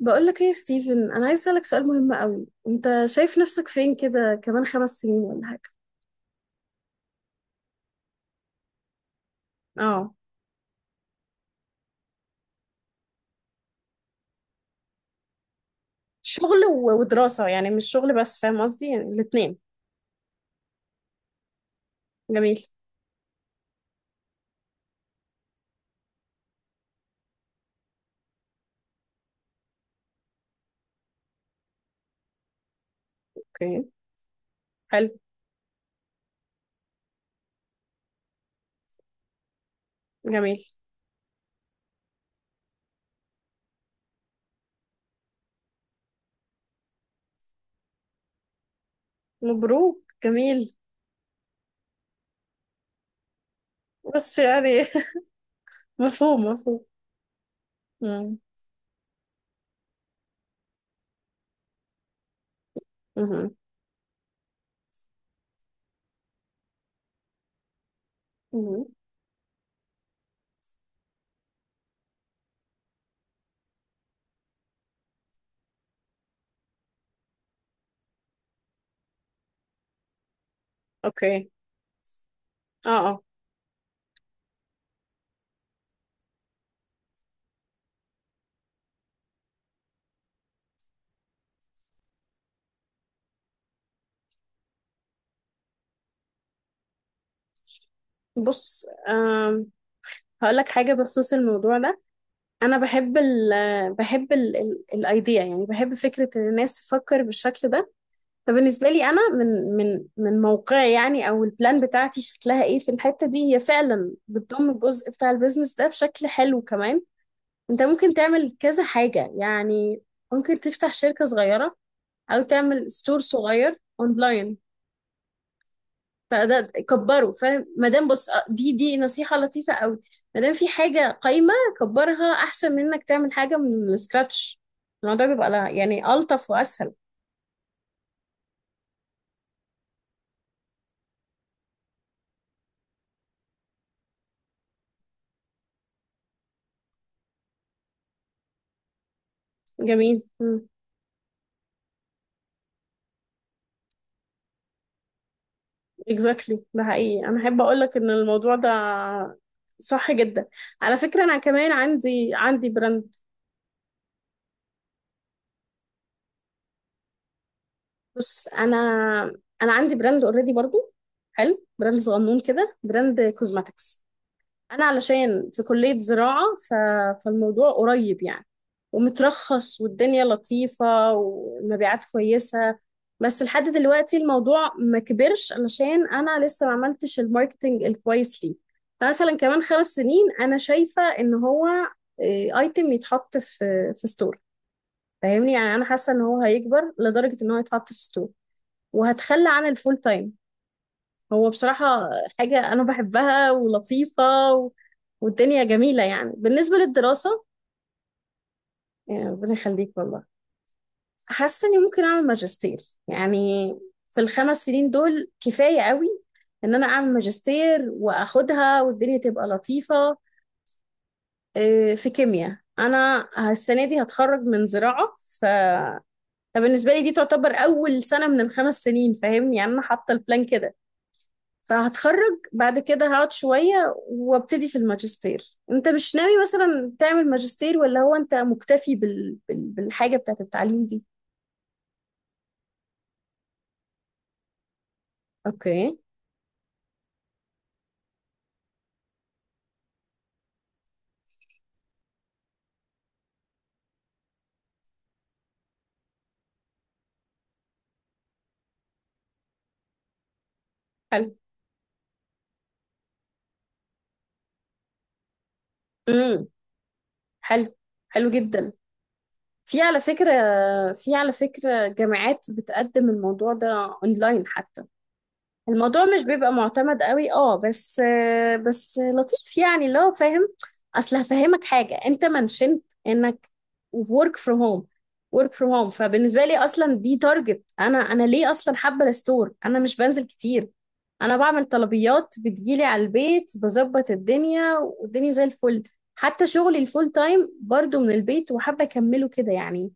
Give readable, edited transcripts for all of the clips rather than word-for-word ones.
بقولك ايه يا ستيفن؟ انا عايز اسالك سؤال مهم قوي. انت شايف نفسك فين كده كمان 5 سنين ولا حاجه؟ اه، شغل و- ودراسة، يعني مش شغل بس، فاهم قصدي؟ يعني الاتنين. جميل. اوكي. حلو. جميل. مبروك، جميل. بس يعني مفهوم، مفهوم. مم. مهم. مهم. اوكي. اه اه. بص هقول لك حاجة بخصوص الموضوع ده. أنا بحب ال بحب ال الأيديا يعني بحب فكرة إن الناس تفكر بالشكل ده. فبالنسبة لي أنا، من موقعي يعني، أو البلان بتاعتي شكلها إيه في الحتة دي، هي فعلا بتضم الجزء بتاع البيزنس ده بشكل حلو كمان. أنت ممكن تعمل كذا حاجة يعني، ممكن تفتح شركة صغيرة أو تعمل ستور صغير أونلاين. فده كبره، فاهم؟ مادام بص، دي نصيحة لطيفة أوي. مادام في حاجة قايمة، كبرها أحسن من إنك تعمل حاجة من سكراتش. الموضوع بيبقى يعني ألطف وأسهل. جميل. اكزاكتلي exactly، ده حقيقي. انا احب اقول لك ان الموضوع ده صح جدا. على فكره انا كمان عندي براند. بص انا عندي براند اوريدي برضو، حلو، براند صغنون كده، براند كوزماتكس. انا علشان في كلية زراعة ف... فالموضوع قريب يعني، ومترخص، والدنيا لطيفة والمبيعات كويسة. بس لحد دلوقتي الموضوع ما كبرش علشان انا لسه ما عملتش الماركتنج الكويس ليه. فمثلا كمان 5 سنين انا شايفة ان هو ايتم يتحط في ستور، فاهمني؟ يعني انا حاسة ان هو هيكبر لدرجة ان هو يتحط في ستور، وهتخلى عن الفول تايم. هو بصراحة حاجة أنا بحبها ولطيفة و... والدنيا جميلة. يعني بالنسبة للدراسة، يعني ربنا يخليك والله. حاسة إني ممكن أعمل ماجستير، يعني في ال5 سنين دول كفاية قوي إن أنا أعمل ماجستير وأخدها والدنيا تبقى لطيفة. في كيمياء. أنا السنة دي هتخرج من زراعة ف... فبالنسبة لي دي تعتبر أول سنة من ال5 سنين، فاهمني؟ يعني أنا حاطة البلان كده. فهتخرج، بعد كده هقعد شوية وابتدي في الماجستير. انت مش ناوي مثلا تعمل ماجستير، ولا هو انت مكتفي بالحاجة بتاعت التعليم دي؟ اوكي. حلو. امم. حلو، حلو جدا. في على فكرة، جامعات بتقدم الموضوع ده اونلاين حتى. الموضوع مش بيبقى معتمد قوي، اه، بس بس لطيف يعني، اللي هو فاهم. اصل هفهمك حاجه، انت منشنت انك work from home. work from home فبالنسبه لي اصلا دي تارجت. انا ليه اصلا حابه الستور؟ انا مش بنزل كتير، انا بعمل طلبيات بتجيلي على البيت، بظبط الدنيا والدنيا زي الفل. حتى شغلي الفول تايم برضو من البيت، وحابه اكمله كده يعني.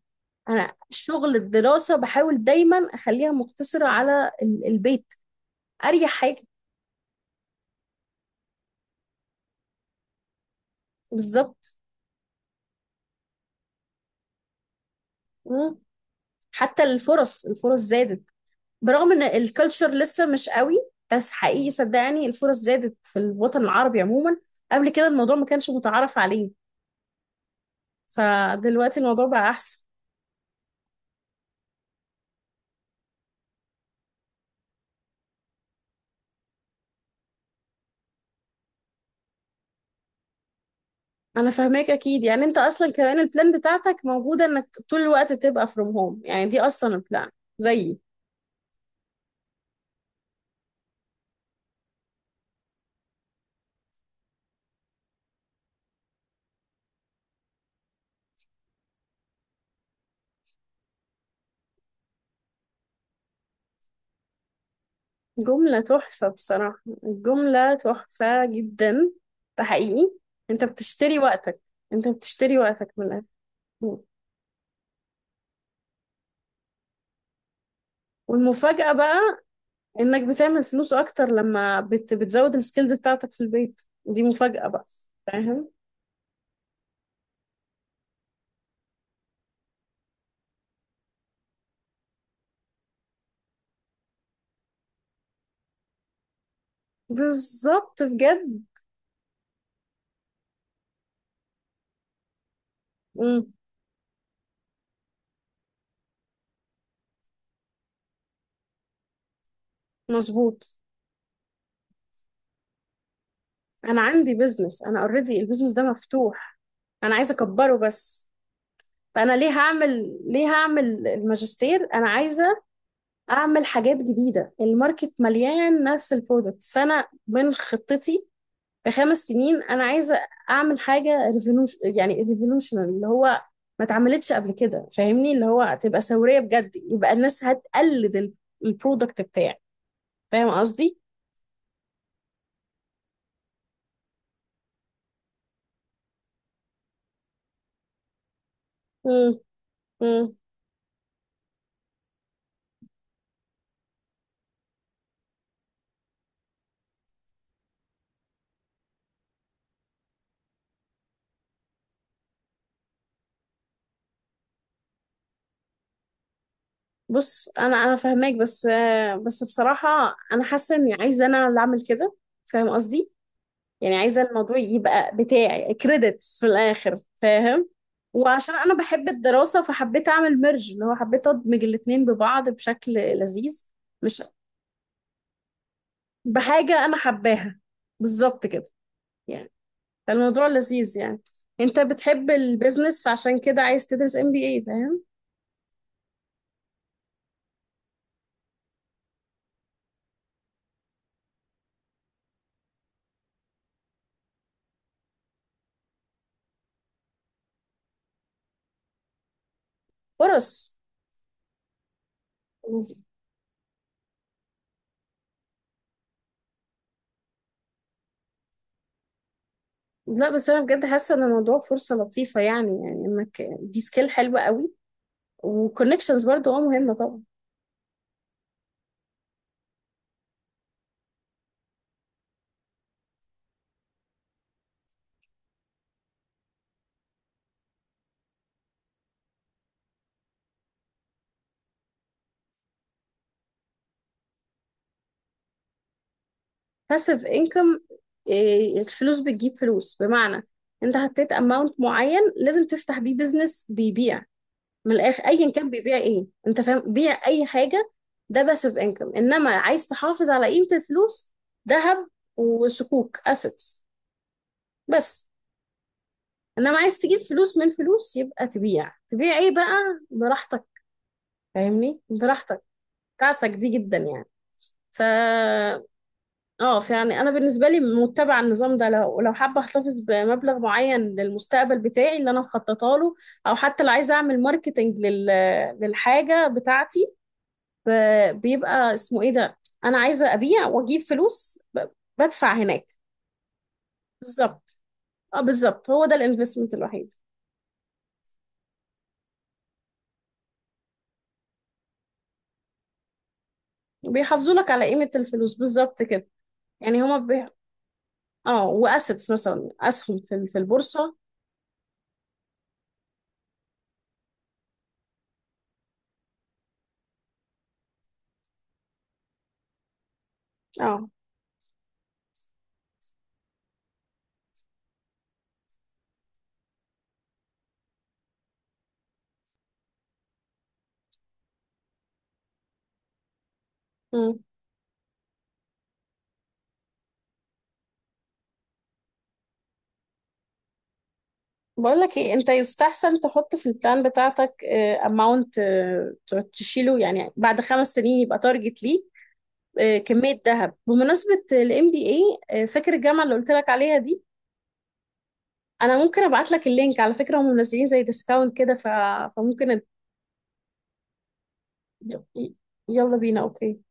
انا شغل الدراسه بحاول دايما اخليها مقتصره على البيت، اريح حاجه. بالظبط. مم. حتى الفرص زادت، برغم ان الكالتشر لسه مش قوي. بس حقيقي صدقني الفرص زادت في الوطن العربي عموما. قبل كده الموضوع ما كانش متعارف عليه. فدلوقتي الموضوع بقى احسن. انا فاهماك اكيد. يعني انت اصلا كمان البلان بتاعتك موجوده انك طول الوقت تبقى فروم هوم، يعني دي اصلا البلان زيي. جمله تحفه بصراحه، الجمله تحفه جدا. ده حقيقي. انت بتشتري وقتك. انت بتشتري وقتك من الآخر. والمفاجأة بقى، انك بتعمل فلوس اكتر لما بتزود السكيلز بتاعتك في البيت، دي مفاجأة بقى، فاهم؟ بالظبط، بجد. مم. مظبوط. انا عندي بيزنس، انا اوريدي البيزنس ده مفتوح، انا عايزة اكبره بس. فانا ليه هعمل الماجستير؟ انا عايزة اعمل حاجات جديدة. الماركت مليان نفس البرودكتس، فانا من خطتي في 5 سنين انا عايزه اعمل حاجه ريفولوشنال، اللي هو ما اتعملتش قبل كده، فاهمني؟ اللي هو تبقى ثوريه بجد، يبقى الناس هتقلد البرودكت بتاعي، فاهم قصدي؟ مم. مم. بص انا فاهماك، بس بس بصراحه انا حاسه اني عايزه انا اللي اعمل كده، فاهم قصدي؟ يعني عايزه الموضوع يبقى بتاعي، كريدتس في الاخر، فاهم؟ وعشان انا بحب الدراسه فحبيت اعمل ميرج، اللي هو حبيت ادمج الاتنين ببعض بشكل لذيذ. مش بحاجة أنا حباها، بالظبط كده يعني. فالموضوع لذيذ يعني. أنت بتحب البيزنس، فعشان كده عايز تدرس MBA، فاهم؟ فرص. لا بس أنا بجد حاسة إن الموضوع فرصة لطيفة، يعني، يعني إنك دي سكيل حلوة قوي. وكونكشنز برضو، اه، مهمة طبعا. باسيف انكم. الفلوس بتجيب فلوس. بمعنى، أنت حطيت اماونت معين لازم تفتح بيه بيزنس بيبيع. من الاخر ايا كان بيبيع ايه، انت فاهم، بيع اي حاجه. ده باسيف انكم. انما عايز تحافظ على قيمه الفلوس؟ ذهب وسكوك، اسيتس. بس انما عايز تجيب فلوس من فلوس، يبقى تبيع ايه بقى؟ براحتك. فاهمني؟ براحتك بتاعتك دي، جدا يعني. ف... اه فيعني انا بالنسبه لي متبعه النظام ده. لو حابه احتفظ بمبلغ معين للمستقبل بتاعي اللي انا مخططه له، او حتى لو عايزه اعمل ماركتنج لل... للحاجه بتاعتي، بيبقى اسمه ايه ده، انا عايزه ابيع واجيب فلوس بدفع هناك. بالظبط، اه بالظبط. هو ده الانفستمنت الوحيد. بيحافظوا لك على قيمه الفلوس بالظبط كده، يعني هما اه، واسيتس مثلا، اسهم في في البورصه. اه. امم. بقول لك ايه، انت يستحسن تحط في البلان بتاعتك اماونت تشيله، يعني بعد 5 سنين يبقى تارجت ليك، كميه ذهب. بمناسبه الMBA، فاكر الجامعه اللي قلت لك عليها دي؟ انا ممكن ابعت لك اللينك على فكرة، هم منزلين زي ديسكاونت كده ف... فممكن أد... يلا بينا، اوكي.